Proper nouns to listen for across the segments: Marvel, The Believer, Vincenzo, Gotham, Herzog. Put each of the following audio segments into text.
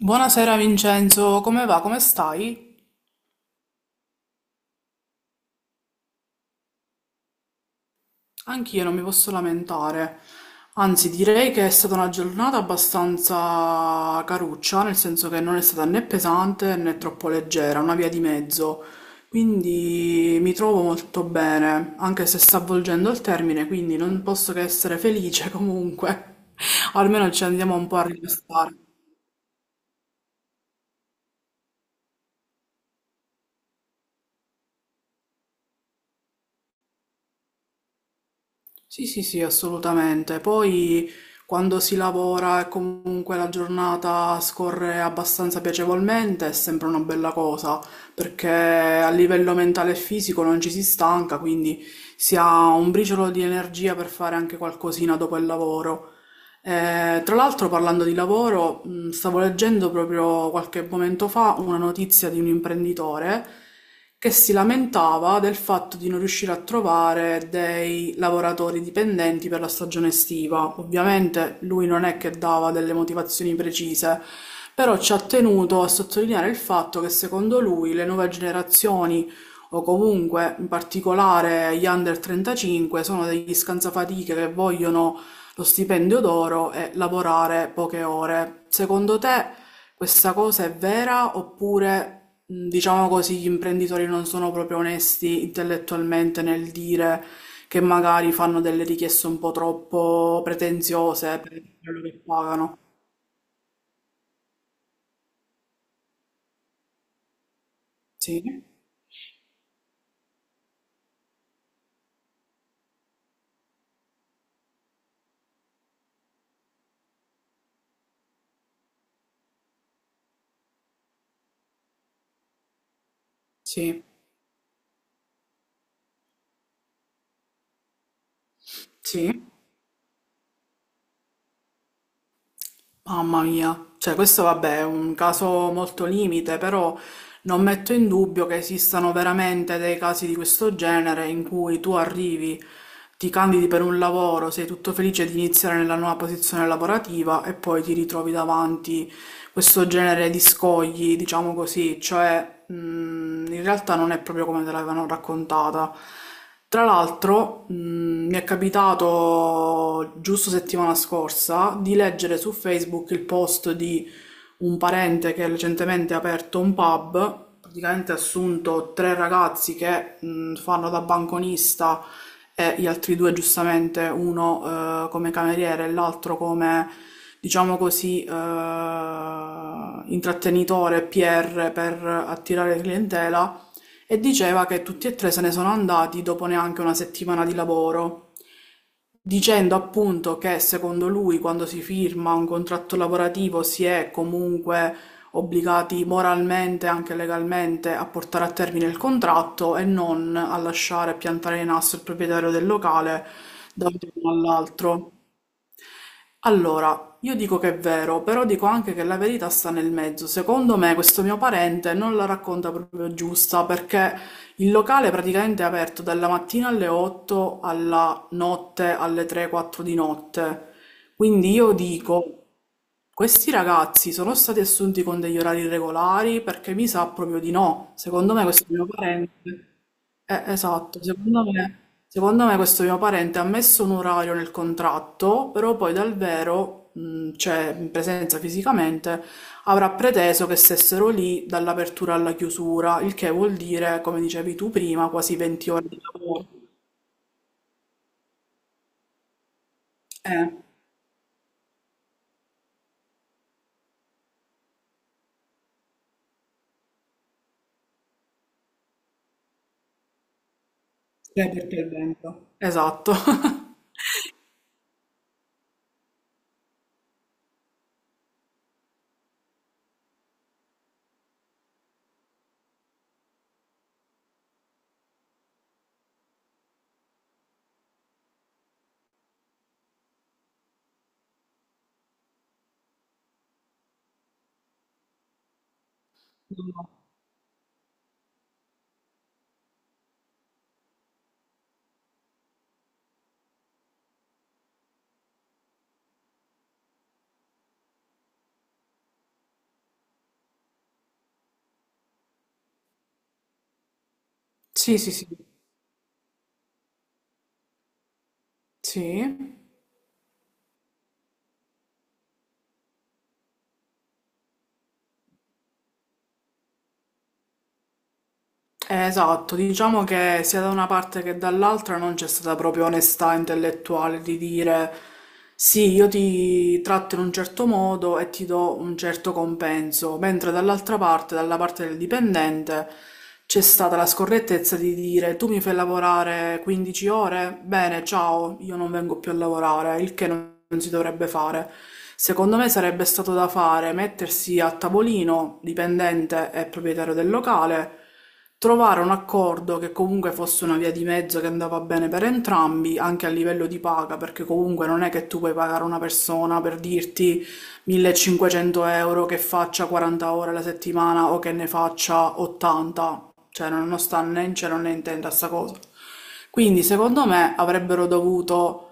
Buonasera Vincenzo, come va? Come stai? Anch'io non mi posso lamentare, anzi direi che è stata una giornata abbastanza caruccia, nel senso che non è stata né pesante né troppo leggera, una via di mezzo, quindi mi trovo molto bene, anche se sta avvolgendo il termine, quindi non posso che essere felice comunque, almeno ci andiamo un po' a rilassare. Sì, sì, sì, assolutamente. Poi quando si lavora e comunque la giornata scorre abbastanza piacevolmente, è sempre una bella cosa, perché a livello mentale e fisico non ci si stanca, quindi si ha un briciolo di energia per fare anche qualcosina dopo il lavoro. Tra l'altro, parlando di lavoro, stavo leggendo proprio qualche momento fa una notizia di un imprenditore che si lamentava del fatto di non riuscire a trovare dei lavoratori dipendenti per la stagione estiva. Ovviamente lui non è che dava delle motivazioni precise, però ci ha tenuto a sottolineare il fatto che secondo lui le nuove generazioni o comunque in particolare gli under 35 sono degli scansafatiche che vogliono lo stipendio d'oro e lavorare poche ore. Secondo te questa cosa è vera oppure, diciamo così, gli imprenditori non sono proprio onesti intellettualmente nel dire che magari fanno delle richieste un po' troppo pretenziose per quello che pagano? Sì, sì, sì. Mamma mia, cioè questo vabbè è un caso molto limite, però non metto in dubbio che esistano veramente dei casi di questo genere in cui tu arrivi, ti candidi per un lavoro, sei tutto felice di iniziare nella nuova posizione lavorativa e poi ti ritrovi davanti questo genere di scogli, diciamo così, cioè in realtà non è proprio come te l'avevano raccontata. Tra l'altro, mi è capitato giusto settimana scorsa di leggere su Facebook il post di un parente che recentemente ha aperto un pub, praticamente ha assunto tre ragazzi che fanno da banconista e gli altri due giustamente, uno come cameriere e l'altro come, diciamo così, intrattenitore, PR per attirare clientela, e diceva che tutti e tre se ne sono andati dopo neanche una settimana di lavoro, dicendo appunto che secondo lui quando si firma un contratto lavorativo si è comunque obbligati moralmente e anche legalmente a portare a termine il contratto e non a lasciare piantare in asso il proprietario del locale da un giorno all'altro. Allora, io dico che è vero, però dico anche che la verità sta nel mezzo. Secondo me questo mio parente non la racconta proprio giusta, perché il locale praticamente è aperto dalla mattina alle 8 alla notte alle 3-4 di notte. Quindi io dico, questi ragazzi sono stati assunti con degli orari regolari? Perché mi sa proprio di no. Secondo me questo mio parente... esatto, secondo me... Secondo me questo mio parente ha messo un orario nel contratto, però poi dal vero, cioè in presenza fisicamente, avrà preteso che stessero lì dall'apertura alla chiusura, il che vuol dire, come dicevi tu prima, quasi 20 ore di lavoro. Eh, perché il vento. Esatto. Sì, sì, sì. Sì. Esatto, diciamo che sia da una parte che dall'altra non c'è stata proprio onestà intellettuale di dire: sì, io ti tratto in un certo modo e ti do un certo compenso, mentre dall'altra parte, dalla parte del dipendente, c'è stata la scorrettezza di dire: tu mi fai lavorare 15 ore, bene, ciao, io non vengo più a lavorare. Il che non si dovrebbe fare. Secondo me sarebbe stato da fare mettersi a tavolino, dipendente e proprietario del locale, trovare un accordo che comunque fosse una via di mezzo che andava bene per entrambi, anche a livello di paga, perché comunque non è che tu puoi pagare una persona per dirti 1500 euro che faccia 40 ore alla settimana o che ne faccia 80, cioè non sta né in cielo né in tenda sta cosa. Quindi secondo me avrebbero dovuto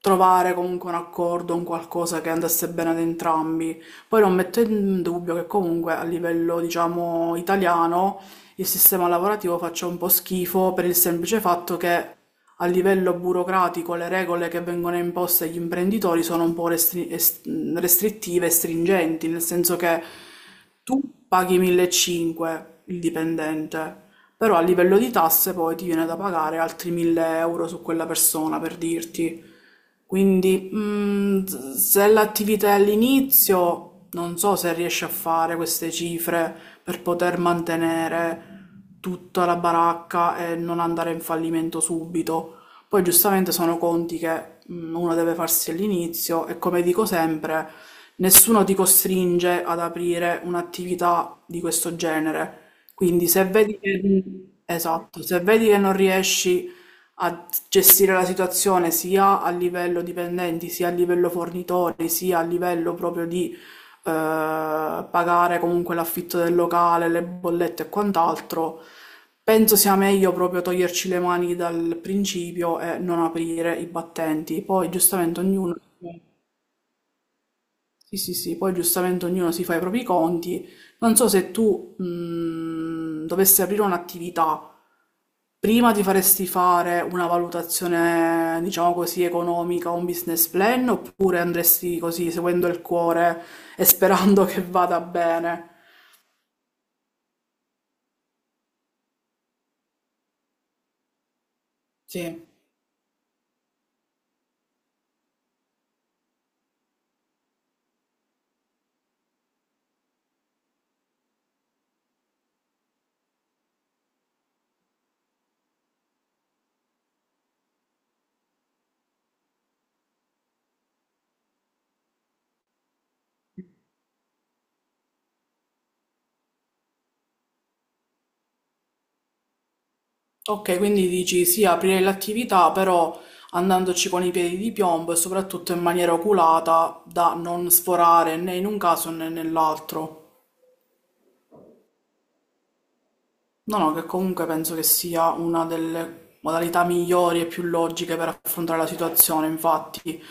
trovare comunque un accordo, un qualcosa che andasse bene ad entrambi. Poi non metto in dubbio che comunque a livello, diciamo, italiano, il sistema lavorativo faccia un po' schifo, per il semplice fatto che a livello burocratico le regole che vengono imposte agli imprenditori sono un po' restrittive e stringenti, nel senso che tu paghi 1500 il dipendente, però a livello di tasse poi ti viene da pagare altri 1000 euro su quella persona, per dirti. Quindi, se l'attività è all'inizio, non so se riesce a fare queste cifre per poter mantenere tutta la baracca e non andare in fallimento subito. Poi, giustamente, sono conti che uno deve farsi all'inizio e, come dico sempre, nessuno ti costringe ad aprire un'attività di questo genere. Quindi, se vedi che... Esatto, se vedi che non riesci a gestire la situazione sia a livello dipendenti, sia a livello fornitori, sia a livello proprio di pagare comunque l'affitto del locale, le bollette e quant'altro, penso sia meglio proprio toglierci le mani dal principio e non aprire i battenti. Poi, giustamente, ognuno... Sì, sì, sì, poi giustamente ognuno si fa i propri conti. Non so se tu dovessi aprire un'attività, prima ti faresti fare una valutazione, diciamo così, economica, un business plan, oppure andresti così, seguendo il cuore e sperando che vada bene? Sì. Ok, quindi dici sì, aprire l'attività, però andandoci con i piedi di piombo e soprattutto in maniera oculata, da non sforare né in un caso né nell'altro. No, no, che comunque penso che sia una delle modalità migliori e più logiche per affrontare la situazione. Infatti,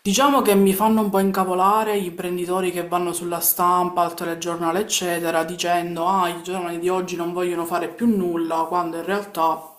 diciamo che mi fanno un po' incavolare gli imprenditori che vanno sulla stampa, al telegiornale, eccetera, dicendo: "Ah, i giovani di oggi non vogliono fare più nulla", quando in realtà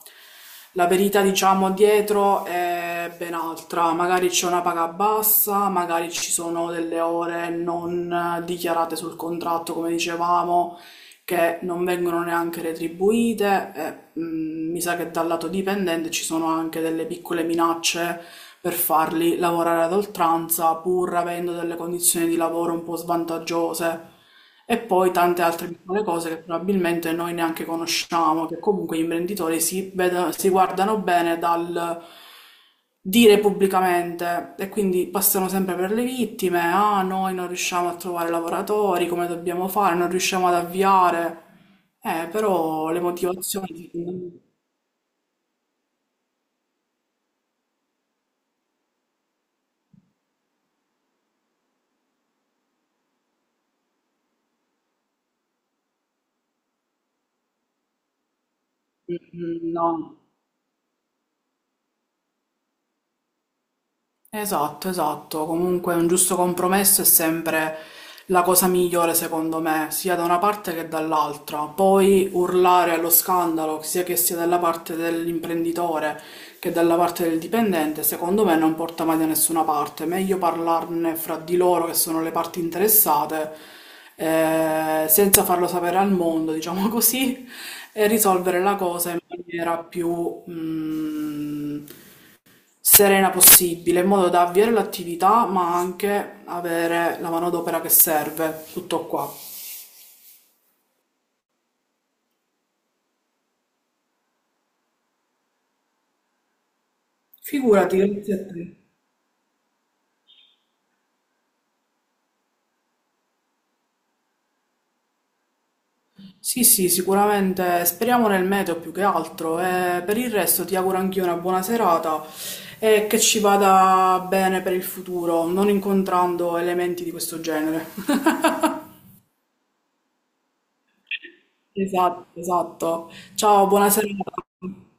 la verità, diciamo, dietro è ben altra. Magari c'è una paga bassa, magari ci sono delle ore non dichiarate sul contratto, come dicevamo, che non vengono neanche retribuite, e mi sa che dal lato dipendente ci sono anche delle piccole minacce per farli lavorare ad oltranza pur avendo delle condizioni di lavoro un po' svantaggiose, e poi tante altre piccole cose che probabilmente noi neanche conosciamo, che comunque gli imprenditori si guardano bene dal dire pubblicamente, e quindi passano sempre per le vittime: "Ah, noi non riusciamo a trovare lavoratori, come dobbiamo fare, non riusciamo ad avviare". Però le motivazioni... Mm, no. Esatto, esatto. Comunque un giusto compromesso è sempre la cosa migliore, secondo me, sia da una parte che dall'altra. Poi urlare allo scandalo, sia che sia dalla parte dell'imprenditore che dalla parte del dipendente, secondo me non porta mai da nessuna parte. Meglio parlarne fra di loro, che sono le parti interessate, senza farlo sapere al mondo, diciamo così, e risolvere la cosa in maniera più, serena possibile, in modo da avviare l'attività, ma anche avere la manodopera che serve. Tutto qua. Figurati, grazie a te. Sì, sì, sicuramente speriamo nel meteo più che altro. E per il resto ti auguro anch'io una buona serata e che ci vada bene per il futuro, non incontrando elementi di questo genere. Esatto, esatto. Ciao, buona serata.